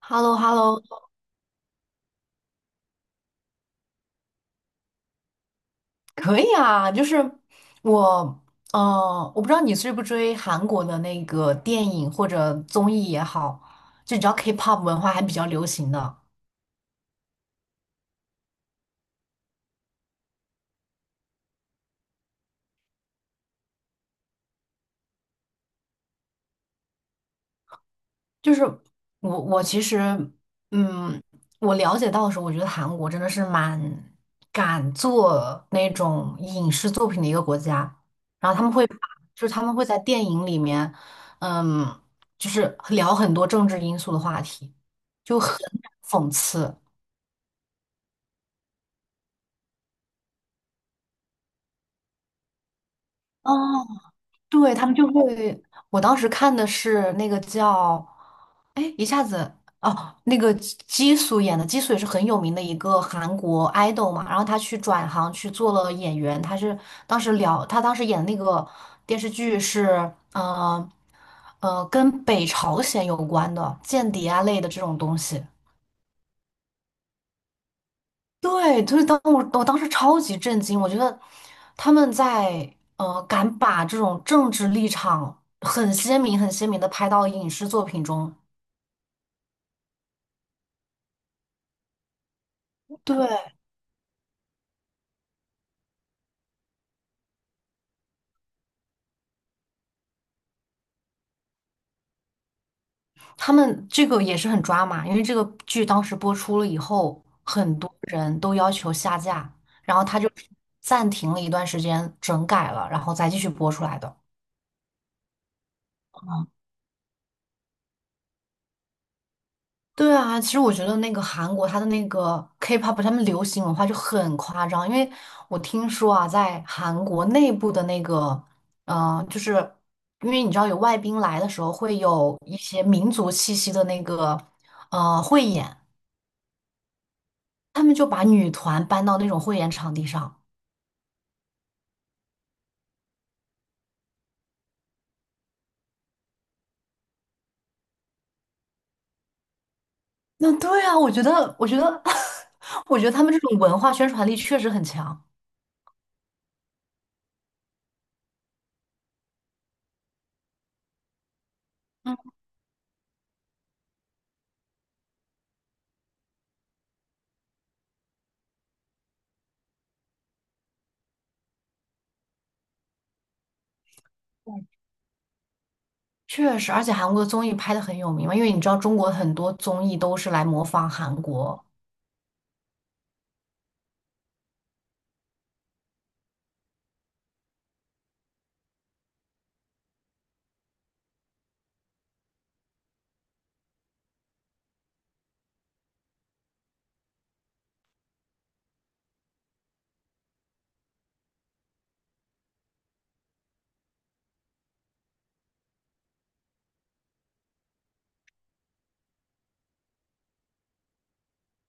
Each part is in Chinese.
h e l l o h e l l o 可以啊，就是我，嗯，我不知道你追不追韩国的那个电影或者综艺也好，就你知道 K-pop 文化还比较流行的。就是我其实，嗯，我了解到的时候，我觉得韩国真的是蛮敢做那种影视作品的一个国家，然后他们会把就是他们会在电影里面，嗯，就是聊很多政治因素的话题，就很讽刺。哦，对，他们就会，我当时看的是那个叫，哎，一下子哦，那个基基素演的，基素也是很有名的一个韩国 idol 嘛，然后他去转行去做了演员，他是当时聊，他当时演的那个电视剧是，跟北朝鲜有关的间谍啊类的这种东西。对，就是当我当时超级震惊，我觉得他们在敢把这种政治立场很鲜明、很鲜明的拍到影视作品中。对，他们这个也是很抓马，因为这个剧当时播出了以后，很多人都要求下架，然后他就暂停了一段时间整改了，然后再继续播出来的。对啊，其实我觉得那个韩国它的那个 K-pop，他们流行文化就很夸张，因为我听说啊，在韩国内部的那个，就是因为你知道有外宾来的时候会有一些民族气息的那个汇演，他们就把女团搬到那种汇演场地上。那对啊，我觉得，我觉得，我觉得他们这种文化宣传力确实很强。确实，而且韩国的综艺拍的很有名嘛，因为你知道中国很多综艺都是来模仿韩国。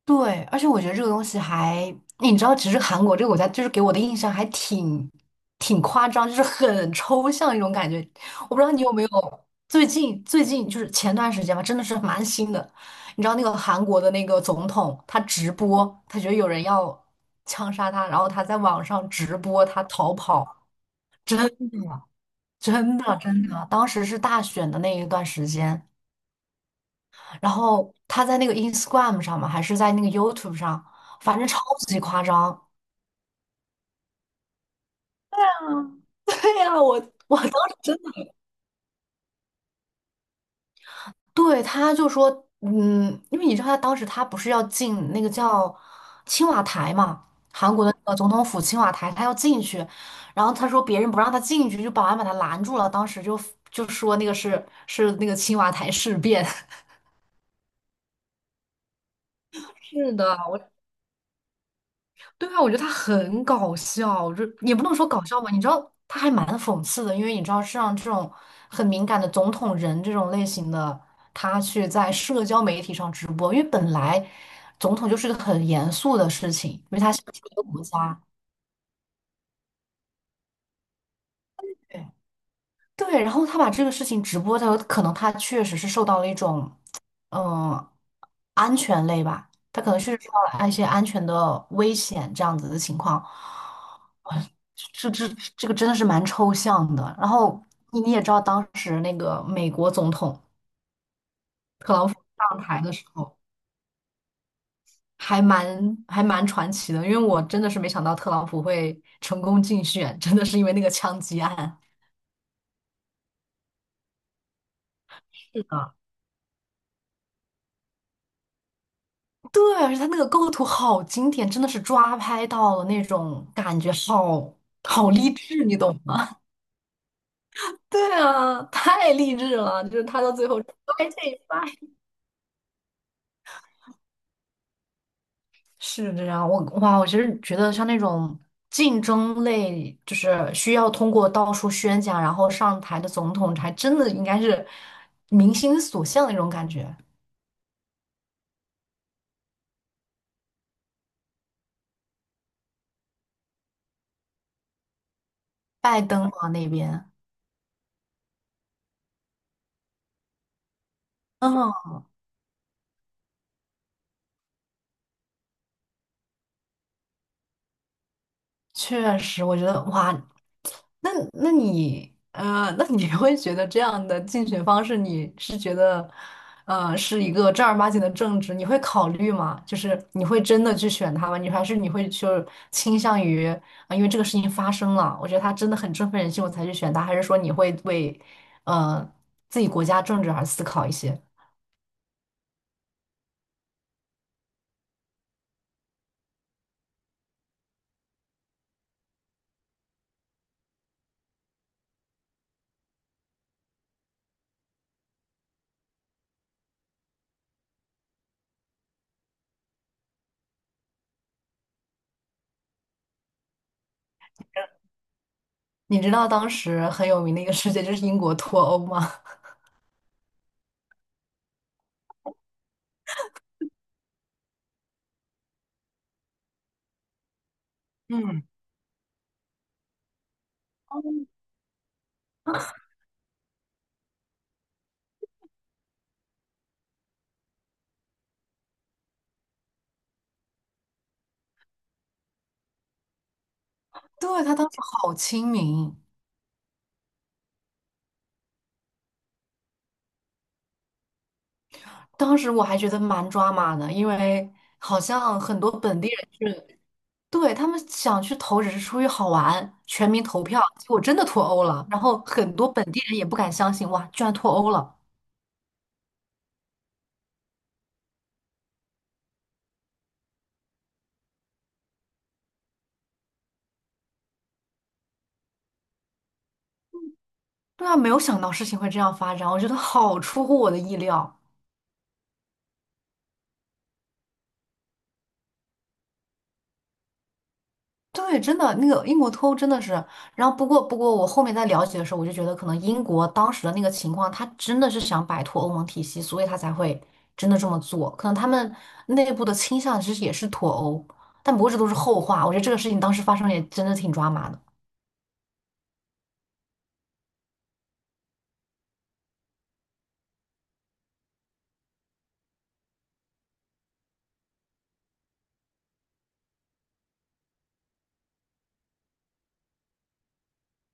对，而且我觉得这个东西还，你知道，其实韩国这个国家就是给我的印象还挺夸张，就是很抽象一种感觉。我不知道你有没有最近就是前段时间吧，真的是蛮新的。你知道那个韩国的那个总统，他直播，他觉得有人要枪杀他，然后他在网上直播他逃跑。真的真的真的，当时是大选的那一段时间。然后他在那个 Instagram 上嘛，还是在那个 YouTube 上，反正超级夸张。对呀，我当时真的 对，他就说，因为你知道他当时他不是要进那个叫青瓦台嘛，韩国的那个总统府青瓦台，他要进去，然后他说别人不让他进去，就保安把他拦住了，当时就说那个是那个青瓦台事变。是的，我。对啊，我觉得他很搞笑，就也不能说搞笑吧，你知道他还蛮讽刺的，因为你知道是让这种很敏感的总统人这种类型的，他去在社交媒体上直播，因为本来总统就是个很严肃的事情，因为他是一个国家。对对，然后他把这个事情直播，他可能他确实是受到了一种，嗯，安全类吧，他可能是受到了一些安全的危险这样子的情况。哇，这这个真的是蛮抽象的。然后你也知道，当时那个美国总统特朗普上台的时候，还蛮传奇的，因为我真的是没想到特朗普会成功竞选，真的是因为那个枪击案。是的，对，而且它那个构图好经典，真的是抓拍到了那种感觉好，好励志，你懂吗？对啊，太励志了，就是他到最后摔这一摔。是这样，我哇，我其实觉得像那种竞争类，就是需要通过到处宣讲，然后上台的总统，还真的应该是民心所向的那种感觉。拜登啊那边，嗯，确实，我觉得哇，那你会觉得这样的竞选方式，你是觉得是一个正儿八经的政治，你会考虑吗？就是你会真的去选他吗？你还是你会就倾向于啊、因为这个事情发生了，我觉得他真的很振奋人心，我才去选他，还是说你会为呃自己国家政治而思考一些？你知道当时很有名的一个事件就是英国脱欧吗？嗯，对，他当时好亲民。当时我还觉得蛮抓马的，因为好像很多本地人是，对，他们想去投只是出于好玩，全民投票，结果真的脱欧了，然后很多本地人也不敢相信，哇，居然脱欧了。对啊，没有想到事情会这样发展，我觉得好出乎我的意料。对，真的，那个英国脱欧真的是，然后不过，我后面在了解的时候，我就觉得可能英国当时的那个情况，他真的是想摆脱欧盟体系，所以他才会真的这么做。可能他们内部的倾向其实也是脱欧，但不过这都是后话。我觉得这个事情当时发生也真的挺抓马的。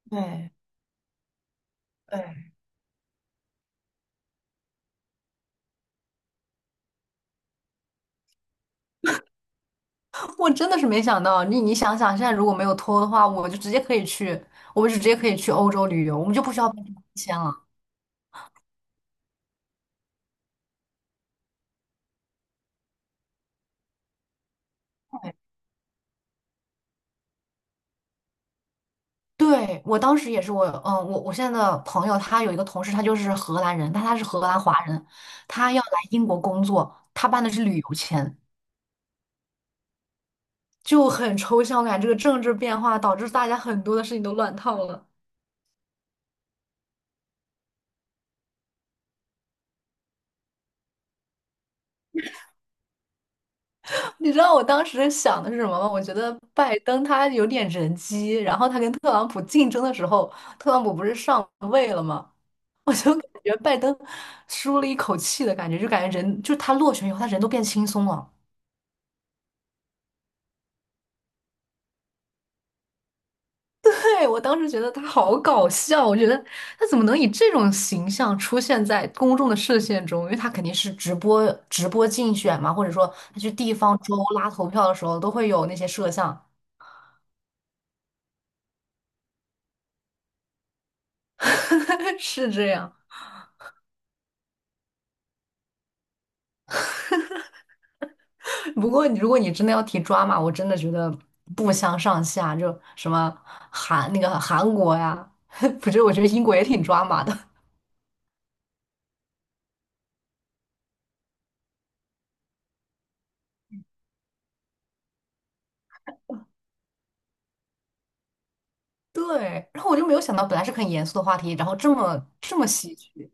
对对，我真的是没想到，你想想，现在如果没有脱欧的话，我就直接可以去，我们就直接可以去欧洲旅游，我们就不需要办签了。对，我当时也是我，我现在的朋友，他有一个同事，他就是荷兰人，但他是荷兰华人，他要来英国工作，他办的是旅游签，就很抽象，我感觉这个政治变化导致大家很多的事情都乱套了。你知道我当时想的是什么吗？我觉得拜登他有点人机，然后他跟特朗普竞争的时候，特朗普不是上位了吗？我就感觉拜登舒了一口气的感觉，就感觉人，就他落选以后，他人都变轻松了。对，我当时觉得他好搞笑，我觉得他怎么能以这种形象出现在公众的视线中？因为他肯定是直播竞选嘛，或者说他去地方州拉投票的时候都会有那些摄像，是这样。不过你如果你真的要提抓马，我真的觉得不相上下，就什么那个韩国呀，不是，我觉得英国也挺抓马的。对，然后我就没有想到，本来是很严肃的话题，然后这么这么喜剧。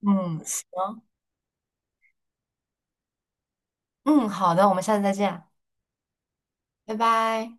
嗯。行。嗯，好的，我们下次再见，拜拜。